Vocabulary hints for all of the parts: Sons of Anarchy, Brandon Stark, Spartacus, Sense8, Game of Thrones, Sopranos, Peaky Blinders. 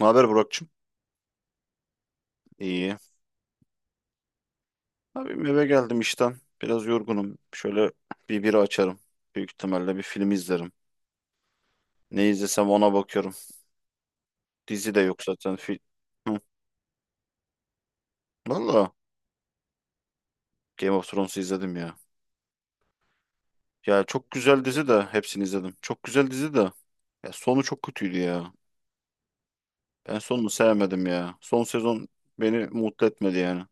Ne haber Burak'cığım? İyi. Abim eve geldim işten. Biraz yorgunum. Şöyle bir bira açarım. Büyük ihtimalle bir film izlerim. Ne izlesem ona bakıyorum. Dizi de yok zaten. Fil... Hı. Valla Game of Thrones'u izledim ya. Ya çok güzel dizi de hepsini izledim. Çok güzel dizi de. Ya sonu çok kötüydü ya. Ben sonunu sevmedim ya. Son sezon beni mutlu etmedi yani.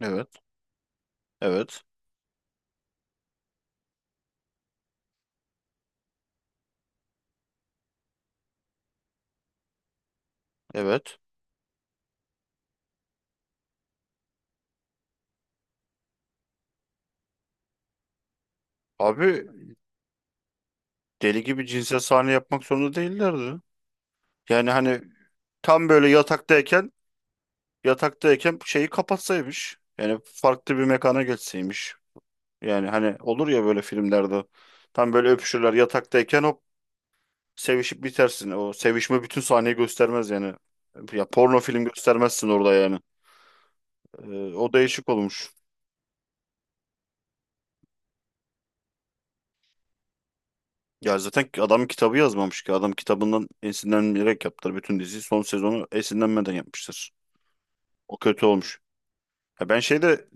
Evet. Evet. Evet. Abi deli gibi cinsel sahne yapmak zorunda değillerdi. Yani hani tam böyle yataktayken şeyi kapatsaymış. Yani farklı bir mekana geçseymiş. Yani hani olur ya böyle filmlerde. Tam böyle öpüşürler yataktayken hop sevişip bitersin. O sevişme bütün sahneyi göstermez yani. Ya porno film göstermezsin orada yani. O değişik olmuş. Ya zaten adam kitabı yazmamış ki. Adam kitabından esinlenerek yaptılar bütün diziyi. Son sezonu esinlenmeden yapmışlar. O kötü olmuş. Ya ben şeyde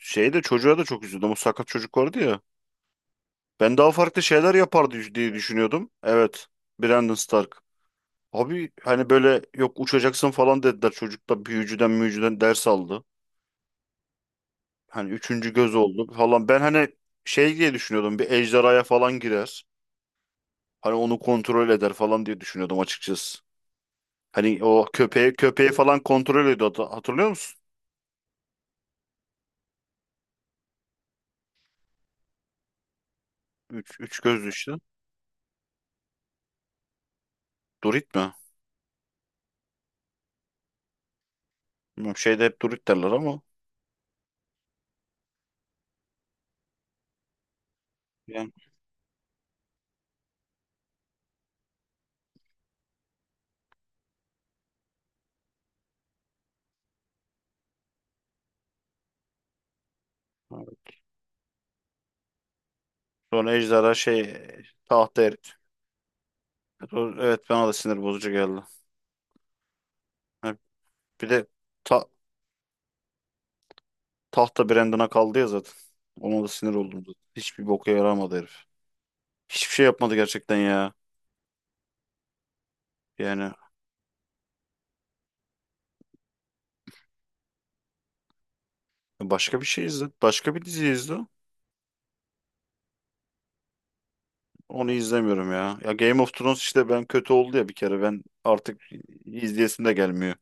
çocuğa da çok üzüldüm. O sakat çocuk vardı ya. Ben daha farklı şeyler yapar diye düşünüyordum. Evet. Brandon Stark. Abi hani böyle yok uçacaksın falan dediler. Çocuk da büyücüden müyücüden ders aldı. Hani üçüncü göz oldu falan. Ben hani şey diye düşünüyordum. Bir ejderhaya falan girer. Hani onu kontrol eder falan diye düşünüyordum açıkçası. Hani o köpeği falan kontrol ediyordu. Hatırlıyor musun? Üç gözlü işte. Durit mi? Bilmiyorum, şeyde hep Durit derler ama. Yani, sonra ejderha şey tahta erit. Evet bana da sinir bozucu geldi. Ha, bir de ta- tahta Brandon'a kaldı ya zaten. Ona da sinir oldum zaten. Hiçbir boka yaramadı herif. Hiçbir şey yapmadı gerçekten ya. Yani başka bir şey izle. Başka bir dizi izle. Onu izlemiyorum ya. Ya Game of Thrones işte ben kötü oldu ya bir kere. Ben artık izleyesim de gelmiyor.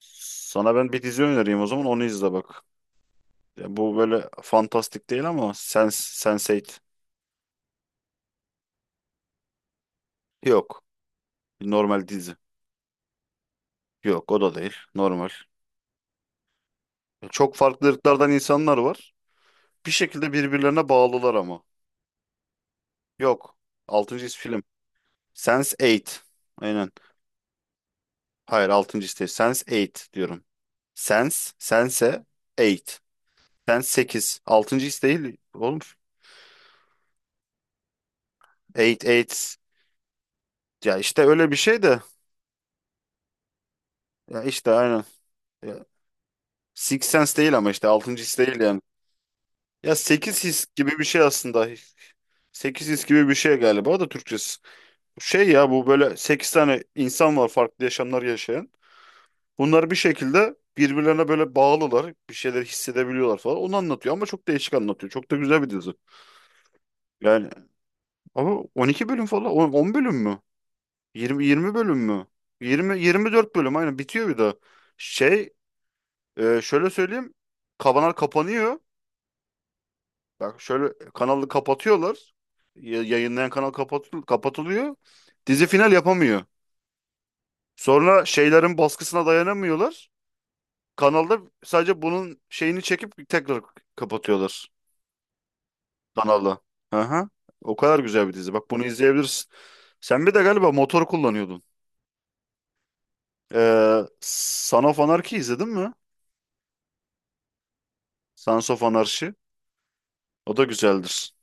Sana ben bir dizi önereyim o zaman onu izle bak. Ya bu böyle fantastik değil ama Sense8. Yok. Normal dizi. Yok o da değil. Normal. Çok farklı ırklardan insanlar var. Bir şekilde birbirlerine bağlılar ama. Yok. Altıncı his film. Sense eight. Aynen. Hayır altıncı his değil. Sense eight diyorum. Sense eight. Sense sekiz. Altıncı his değil oğlum. Eight. Ya işte öyle bir şey de. Ya işte aynen. Ya, Six Sense değil ama işte altıncı his değil yani. Ya 8 his gibi bir şey aslında. Sekiz his gibi bir şey galiba da Türkçesi. Şey ya bu böyle 8 tane insan var farklı yaşamlar yaşayan. Bunlar bir şekilde birbirlerine böyle bağlılar. Bir şeyler hissedebiliyorlar falan. Onu anlatıyor ama çok değişik anlatıyor. Çok da güzel bir dizi. Yani ama 12 bölüm falan. 10 bölüm mü? 20 bölüm mü? 20 24 bölüm aynen bitiyor bir daha. Şey şöyle söyleyeyim. Kanal kapanıyor. Bak şöyle kanalı kapatıyorlar. Yayınlayan kanal kapatılıyor. Dizi final yapamıyor. Sonra şeylerin baskısına dayanamıyorlar. Kanalda sadece bunun şeyini çekip tekrar kapatıyorlar. Kanalı. Hı hı. O kadar güzel bir dizi. Bak bunu izleyebilirsin. Sen bir de galiba motor kullanıyordun. Son of Anarchy izledin mi? Sons of Anarchy. O da güzeldir.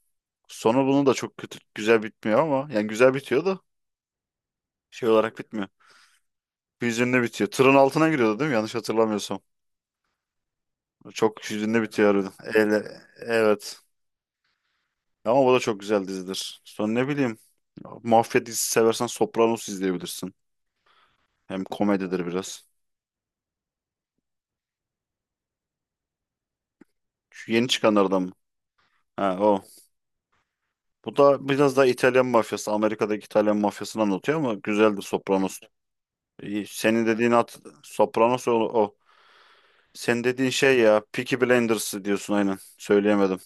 Sonu bunun da çok kötü, güzel bitmiyor ama. Yani güzel bitiyor da şey olarak bitmiyor. Hüzünlü bitiyor. Tırın altına giriyordu değil mi? Yanlış hatırlamıyorsam. Çok hüzünlü bitiyor harbiden. Evet. Ama bu da çok güzel dizidir. Sonra ne bileyim. Mafya dizisi seversen Sopranos izleyebilirsin. Hem komedidir biraz. Şu yeni çıkanlardan mı? Ha o. Bu da biraz daha İtalyan mafyası, Amerika'daki İtalyan mafyasını anlatıyor ama güzeldir Sopranos. İyi, senin dediğin at, Sopranos o, o. Senin dediğin şey ya, Peaky Blinders diyorsun aynen. Söyleyemedim.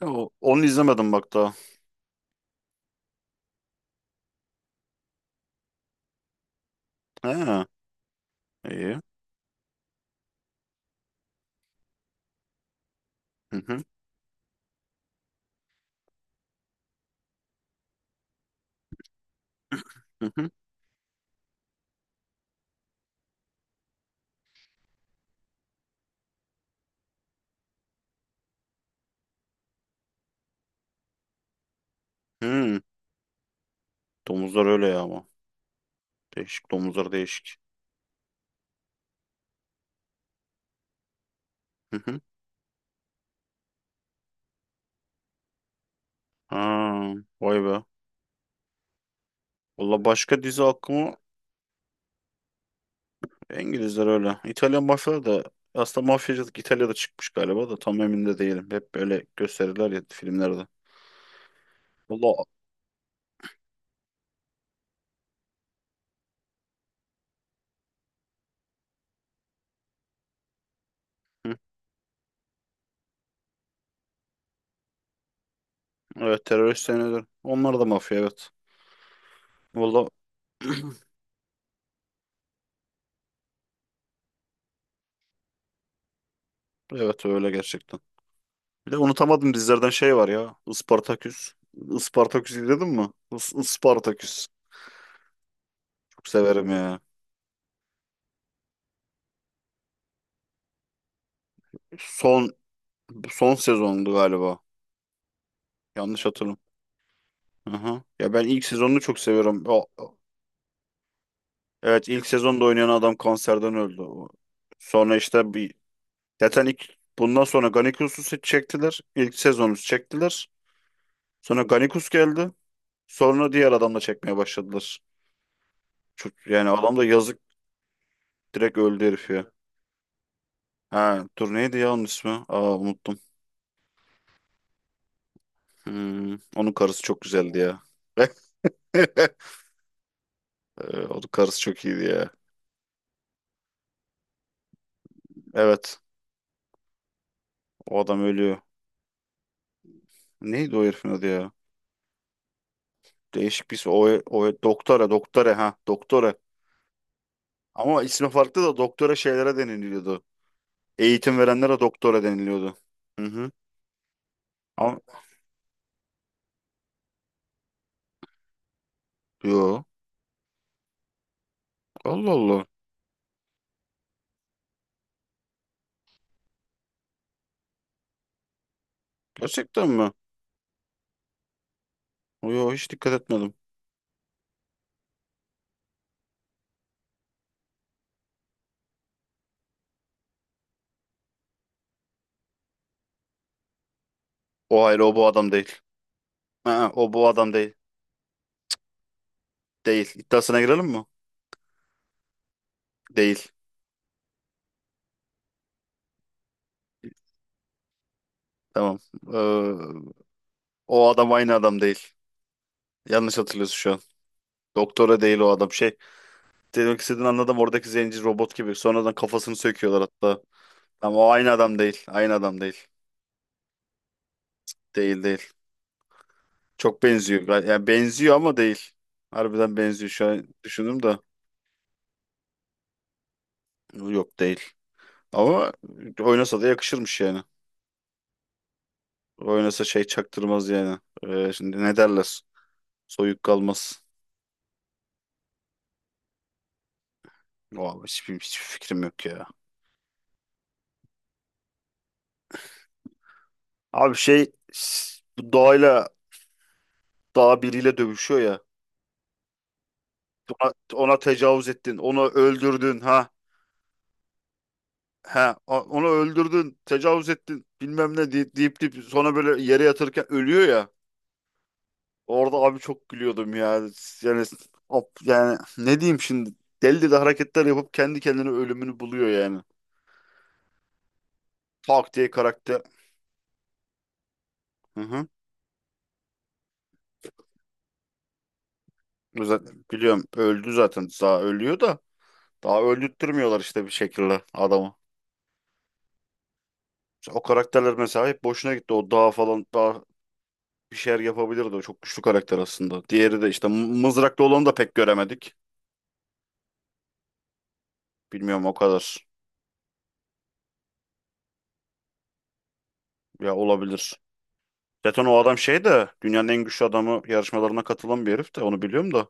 Ya onu izlemedim bak daha. He, iyi. Hı hı, hı hı. Hı. Domuzlar öyle ya ama. Değişik domuzlar değişik. Hı hı. Ha, vay be. Valla başka dizi aklıma İngilizler öyle. İtalyan mafyaları da aslında mafyacılık İtalya'da çıkmış galiba da tam emin de değilim. Hep böyle gösterirler ya filmlerde. Valla hı, evet terörist deniyorlar. Onlar da mafya evet. Valla evet öyle gerçekten. Bir de unutamadım dizilerden şey var ya. Ispartaküs. Ispartaküs izledin mi? Ispartaküs. Çok severim ya. Son son sezondu galiba. Yanlış hatırlam. Aha. Ya ben ilk sezonunu çok seviyorum. Evet ilk sezonda oynayan adam kanserden öldü. Sonra işte bir zaten ilk bundan sonra Ganikusus'u çektiler. İlk sezonu çektiler. Sonra Ganikus geldi. Sonra diğer adamla çekmeye başladılar. Çok, yani adam da yazık direkt öldü herif ya. Ha, dur neydi ya onun ismi? Aa unuttum. Hmm, onun karısı çok güzeldi ya. Onun karısı çok iyiydi ya. Evet. O adam ölüyor. Neydi o herifin adı ya? Değişik bir isim. O, o doktora ha doktora. Ama ismi farklı da doktora şeylere deniliyordu. Eğitim verenlere doktora deniliyordu. Hı hı. Ama yo. Allah Allah. Gerçekten mi? Yo hiç dikkat etmedim. O hayır o bu adam değil. Ha, o bu adam değil. Değil. İddiasına girelim mi? Değil. Tamam. Ee, O adam aynı adam değil. Yanlış hatırlıyorsun şu an. Doktora değil o adam. Şey, demek istediğini anladım. Oradaki zenci robot gibi. Sonradan kafasını söküyorlar hatta. Ama o aynı adam değil. Aynı adam değil. Değil değil. Çok benziyor. Yani benziyor ama değil. Harbiden benziyor. Şu an düşündüm de. Yok değil. Ama oynasa da yakışırmış yani. Oynasa şey çaktırmaz yani. Şimdi ne derler? Soyuk kalmaz. Vallahi hiçbir fikrim yok ya. Abi şey bu doğayla dağ biriyle dövüşüyor ya. Ona, ona tecavüz ettin, onu öldürdün ha. Ha, onu öldürdün, tecavüz ettin, bilmem ne deyip deyip sonra böyle yere yatırırken ölüyor ya. Orada abi çok gülüyordum ya. Yani, hop, yani ne diyeyim şimdi? Deli deli hareketler yapıp kendi kendine ölümünü buluyor yani. Tak diye karakter. Hı hı. Zaten biliyorum öldü zaten. Daha ölüyor da daha öldürtmüyorlar işte bir şekilde adamı. O karakterler mesela hep boşuna gitti. O dağ falan daha bir şeyler yapabilirdi. O çok güçlü karakter aslında. Diğeri de işte mızraklı olanı da pek göremedik. Bilmiyorum o kadar. Ya olabilir. Zaten o adam şey de dünyanın en güçlü adamı yarışmalarına katılan bir herif de onu biliyorum da.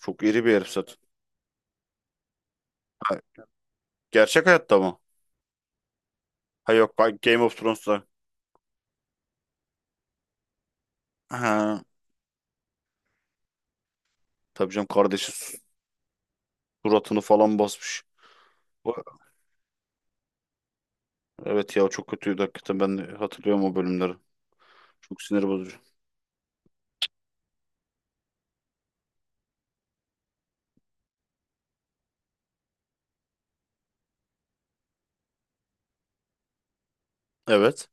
Çok iri bir herif zaten. Ha, gerçek hayatta mı? Ha yok bak Game of Thrones'ta. Ha, tabii canım kardeşi suratını falan basmış. O- Evet ya çok kötüydü hakikaten ben hatırlıyorum o bölümleri. Çok sinir bozucu. Evet.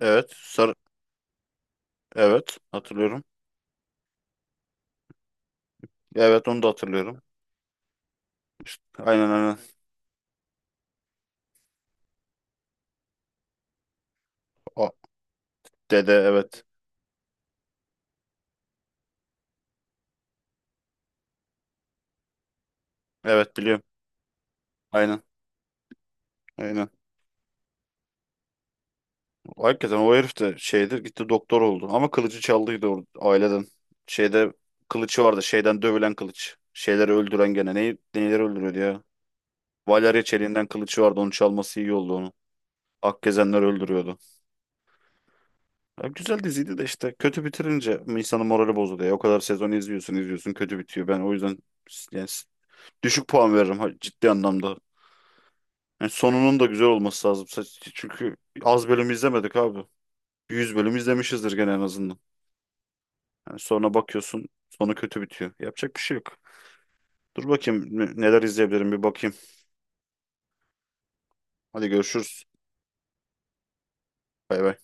Evet. Sarı, evet, hatırlıyorum. Evet, onu da hatırlıyorum. Aynen aynen. O dede evet. Evet biliyorum. Aynen. Aynen. Hakikaten o herif de şeydir gitti doktor oldu. Ama kılıcı çaldıydı aileden. Şeyde kılıcı vardı. Şeyden dövülen kılıç. Şeyleri öldüren gene. Neyleri öldürüyordu ya? Valarya çeliğinden kılıcı vardı. Onu çalması iyi oldu onu. Akgezenler öldürüyordu. Ya güzel diziydi de işte kötü bitirince insanın morali bozuluyor ya. O kadar sezon izliyorsun izliyorsun kötü bitiyor. Ben o yüzden yani düşük puan veririm ciddi anlamda. Yani sonunun da güzel olması lazım. Çünkü az bölüm izlemedik abi. 100 bölüm izlemişizdir gene en azından. Yani sonra bakıyorsun sonu kötü bitiyor. Yapacak bir şey yok. Dur bakayım neler izleyebilirim bir bakayım. Hadi görüşürüz. Bay bay.